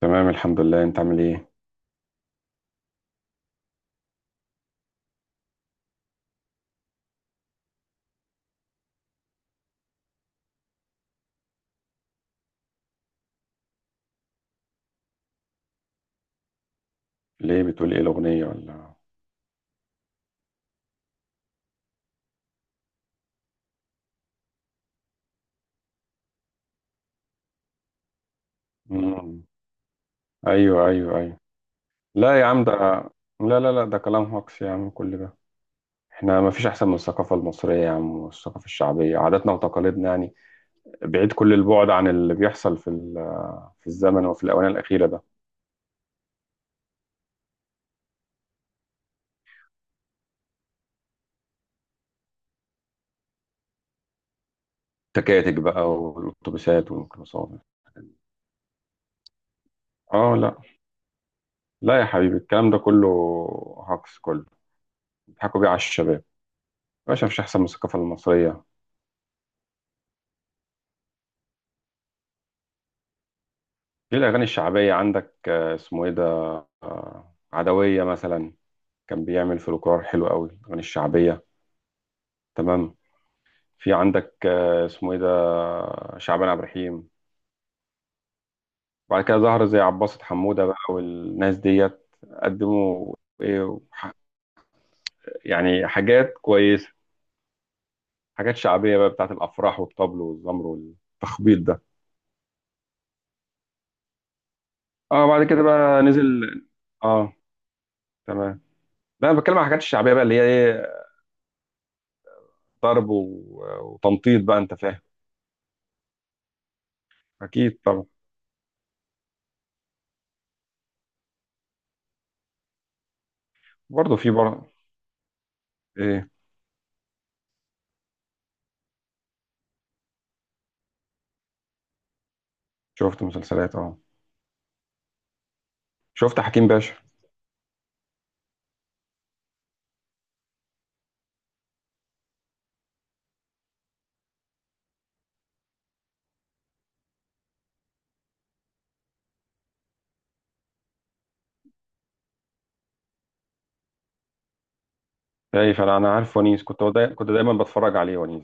تمام الحمد لله، انت عامل ايه؟ ليه بتقول ايه الاغنيه ولا مم. ايوه ايوه ايوه. لا يا عم ده، لا لا لا ده كلام هوكس يا عم كل ده. احنا ما فيش احسن من الثقافه المصريه يا عم، والثقافه الشعبيه عاداتنا وتقاليدنا يعني. بعيد كل البعد عن اللي بيحصل في الزمن وفي الاونه الاخيره ده. تكاتك بقى والاتوبيسات والميكروباصات. اه لا، لا يا حبيبي الكلام ده كله هوكس كله، بيضحكوا بيه على الشباب يا باشا. ما فيش احسن من الثقافه المصريه. في الأغاني الشعبية عندك، اسمه إيه ده، عدوية مثلا، كان بيعمل فلكلور حلو قوي، الأغاني الشعبية. تمام. في عندك اسمه إيه ده، شعبان عبد الرحيم. وبعد كده ظهر زي عباسة حمودة بقى والناس ديت، قدموا إيه ح- يعني حاجات كويسة، حاجات شعبية بقى، بتاعت الأفراح والطبل والزمر والتخبيط ده. اه بعد كده بقى نزل، اه. تمام. لا انا بتكلم عن الحاجات الشعبيه بقى، اللي هي ايه، ضرب وتنطيط بقى، انت فاهم. اكيد طبعا. برضه في برضه. ايه، شفت مسلسلات، اه. شفت حكيم باشا. ايه، فانا انا عارف ونيس، كنت كنت دايما بتفرج عليه ونيس.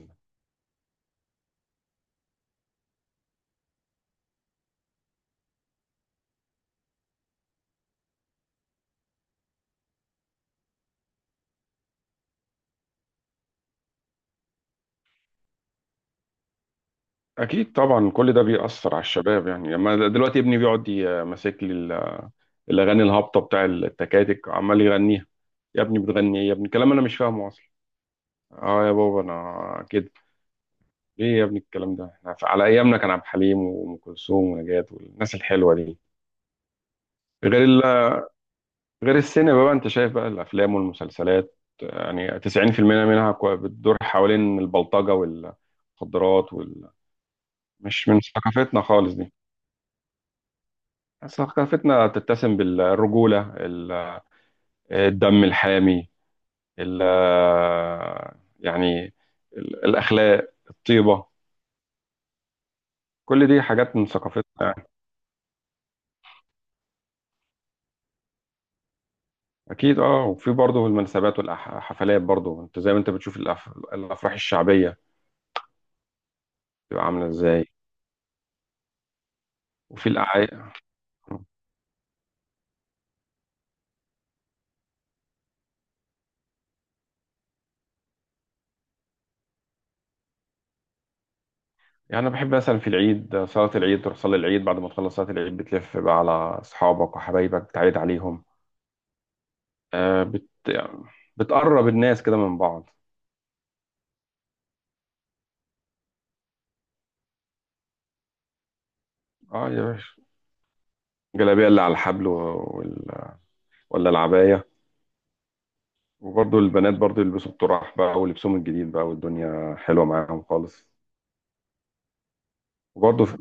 اكيد طبعا كل ده بيأثر على الشباب. يعني لما دلوقتي ابني بيقعد ماسك لي الاغاني الهابطه بتاع التكاتك، عمال يغنيها. يا ابني بتغني ايه يا ابني، كلام انا مش فاهمه اصلا. اه يا بابا انا كده. ايه يا ابني الكلام ده، احنا على ايامنا كان عبد الحليم وام كلثوم ونجاة والناس الحلوه دي. غير ال- غير السينما بقى، انت شايف بقى الافلام والمسلسلات يعني 90% منها كو- بتدور حوالين البلطجه والمخدرات وال... مش من ثقافتنا خالص دي. ثقافتنا تتسم بالرجوله، الدم الحامي، ال... يعني، الاخلاق الطيبه، كل دي حاجات من ثقافتنا يعني. اكيد اه. وفي برضه المناسبات والحفلات برضه، انت زي ما انت بتشوف الافراح الشعبيه بتبقى عامله ازاي، وفي الاعياد. يعني أنا بحب مثلا في العيد صلاة العيد، تروح تصلي العيد، بعد ما تخلص صلاة العيد بتلف بقى على أصحابك وحبايبك بتعيد عليهم. يعني بتقرب الناس كده من بعض. اه يا باشا، الجلابية اللي على الحبل وال... ولا العباية. وبرضه البنات برضه يلبسوا الطرح بقى ولبسهم الجديد بقى، والدنيا حلوة معاهم خالص. وبرضه في...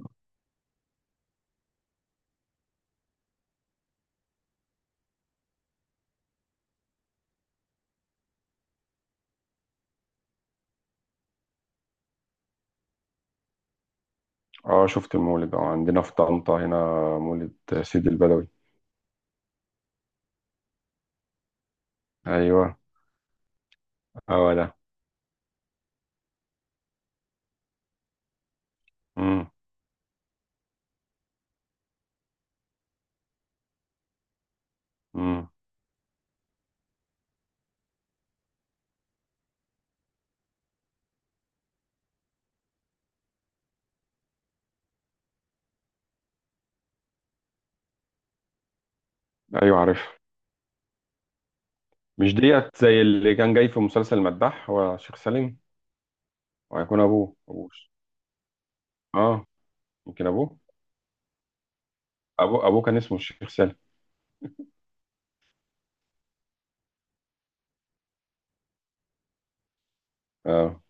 اه شفت المولد، اه عندنا في طنطا هنا، مولد سيدي البدوي. ايوه. اه ده. امم امم. ايوه عارف. مش ديت زي اللي كان جاي في مسلسل المداح، هو شيخ سالم، وهيكون ابوه. اه يمكن ابوه. ابوه كان اسمه الشيخ سالم. اه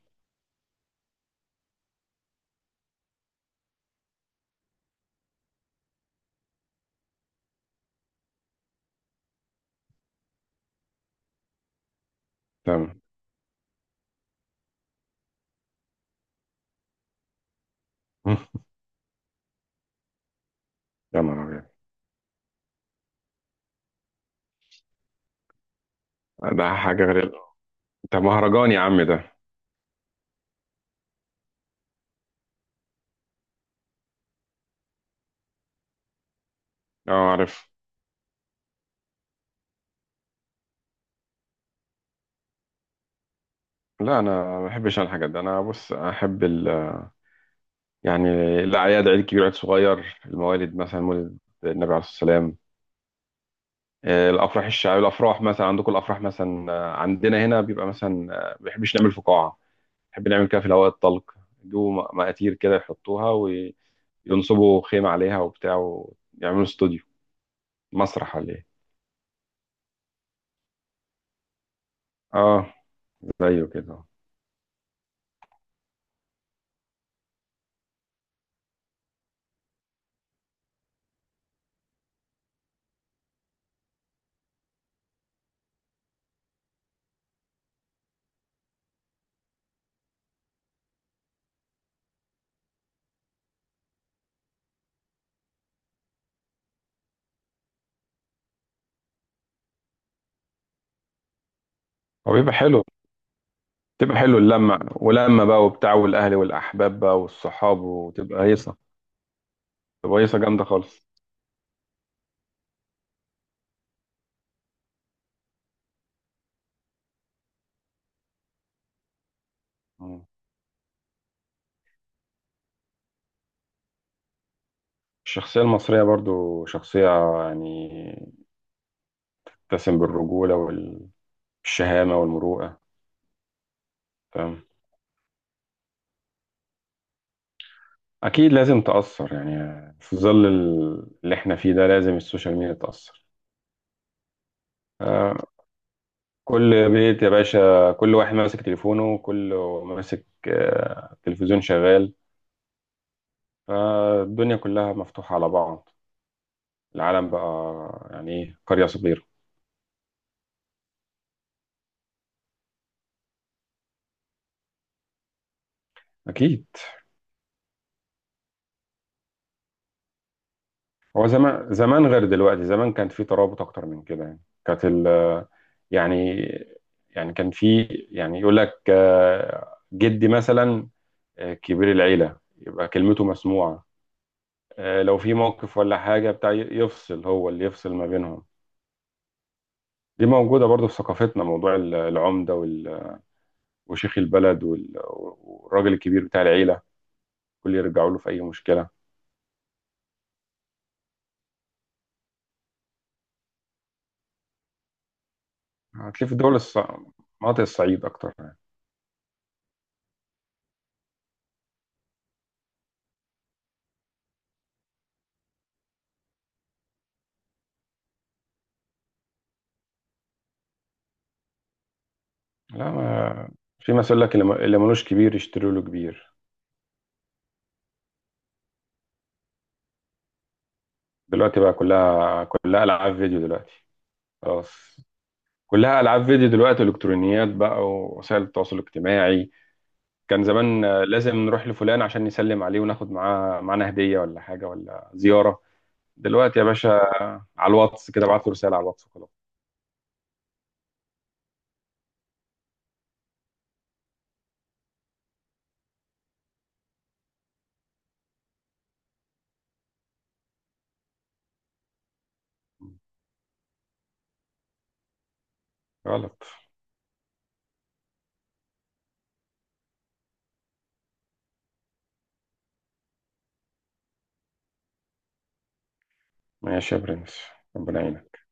تمام. يا نهار ابيض، ده حاجه غير، ده مهرجان يا عم ده. اه عارف. لا انا ما بحبش أنا الحاجات دي. انا بص احب ال... يعني الاعياد، عيد كبير، عيد صغير، الموالد مثلا مولد النبي عليه الصلاه والسلام، الافراح الشعبيه. الافراح مثلا عندكم، الافراح مثلا عندنا هنا بيبقى مثلا، ما بيحبش نعمل فقاعه، نحب نعمل كده في الهواء الطلق. يجيبوا مقاتير كده يحطوها، وينصبوا خيمة عليها وبتاع، ويعملوا استوديو، مسرح ولا ايه. اه زيه كده. هو بيبقى حلو، بتبقى حلو اللمة، ولمة بقى وبتاع، والأهل والأحباب بقى والصحاب، وتبقى هيصة، تبقى هيصة جامدة خالص. مم. الشخصية المصرية برضو شخصية يعني تسم بالرجولة والشهامة والمروءة. تمام. أكيد لازم تأثر يعني، في ظل اللي احنا فيه ده لازم السوشيال ميديا تأثر. آه، كل بيت يا باشا كل واحد ماسك تليفونه، كله ماسك، تلفزيون شغال، فالدنيا كلها مفتوحة على بعض. العالم بقى يعني ايه، قرية صغيرة. أكيد. هو زمان زمان غير دلوقتي، زمان كان في ترابط أكتر من كده. يعني كانت ال يعني، يعني كان في، يعني يقول لك جدي مثلا، كبير العيلة يبقى كلمته مسموعة، لو في موقف ولا حاجة بتاع يفصل، هو اللي يفصل ما بينهم. دي موجودة برضو في ثقافتنا، موضوع العمدة وشيخ البلد والراجل الكبير بتاع العيلة، كل يرجعوا له في أي مشكلة. هتلاقيه في مناطق الصعيد أكتر يعني. لا ما... في مثل يقول لك اللي اللي ملوش كبير يشتروا له كبير. دلوقتي بقى كلها ألعاب فيديو دلوقتي، خلاص. كلها ألعاب فيديو دلوقتي وإلكترونيات بقى ووسائل التواصل الاجتماعي. كان زمان لازم نروح لفلان عشان نسلم عليه وناخد معاه معانا هدية ولا حاجة ولا زيارة. دلوقتي يا باشا على الواتس كده، ابعت له رسالة على الواتس وخلاص. غلط. ماشي يا برنس، ربنا يعينك.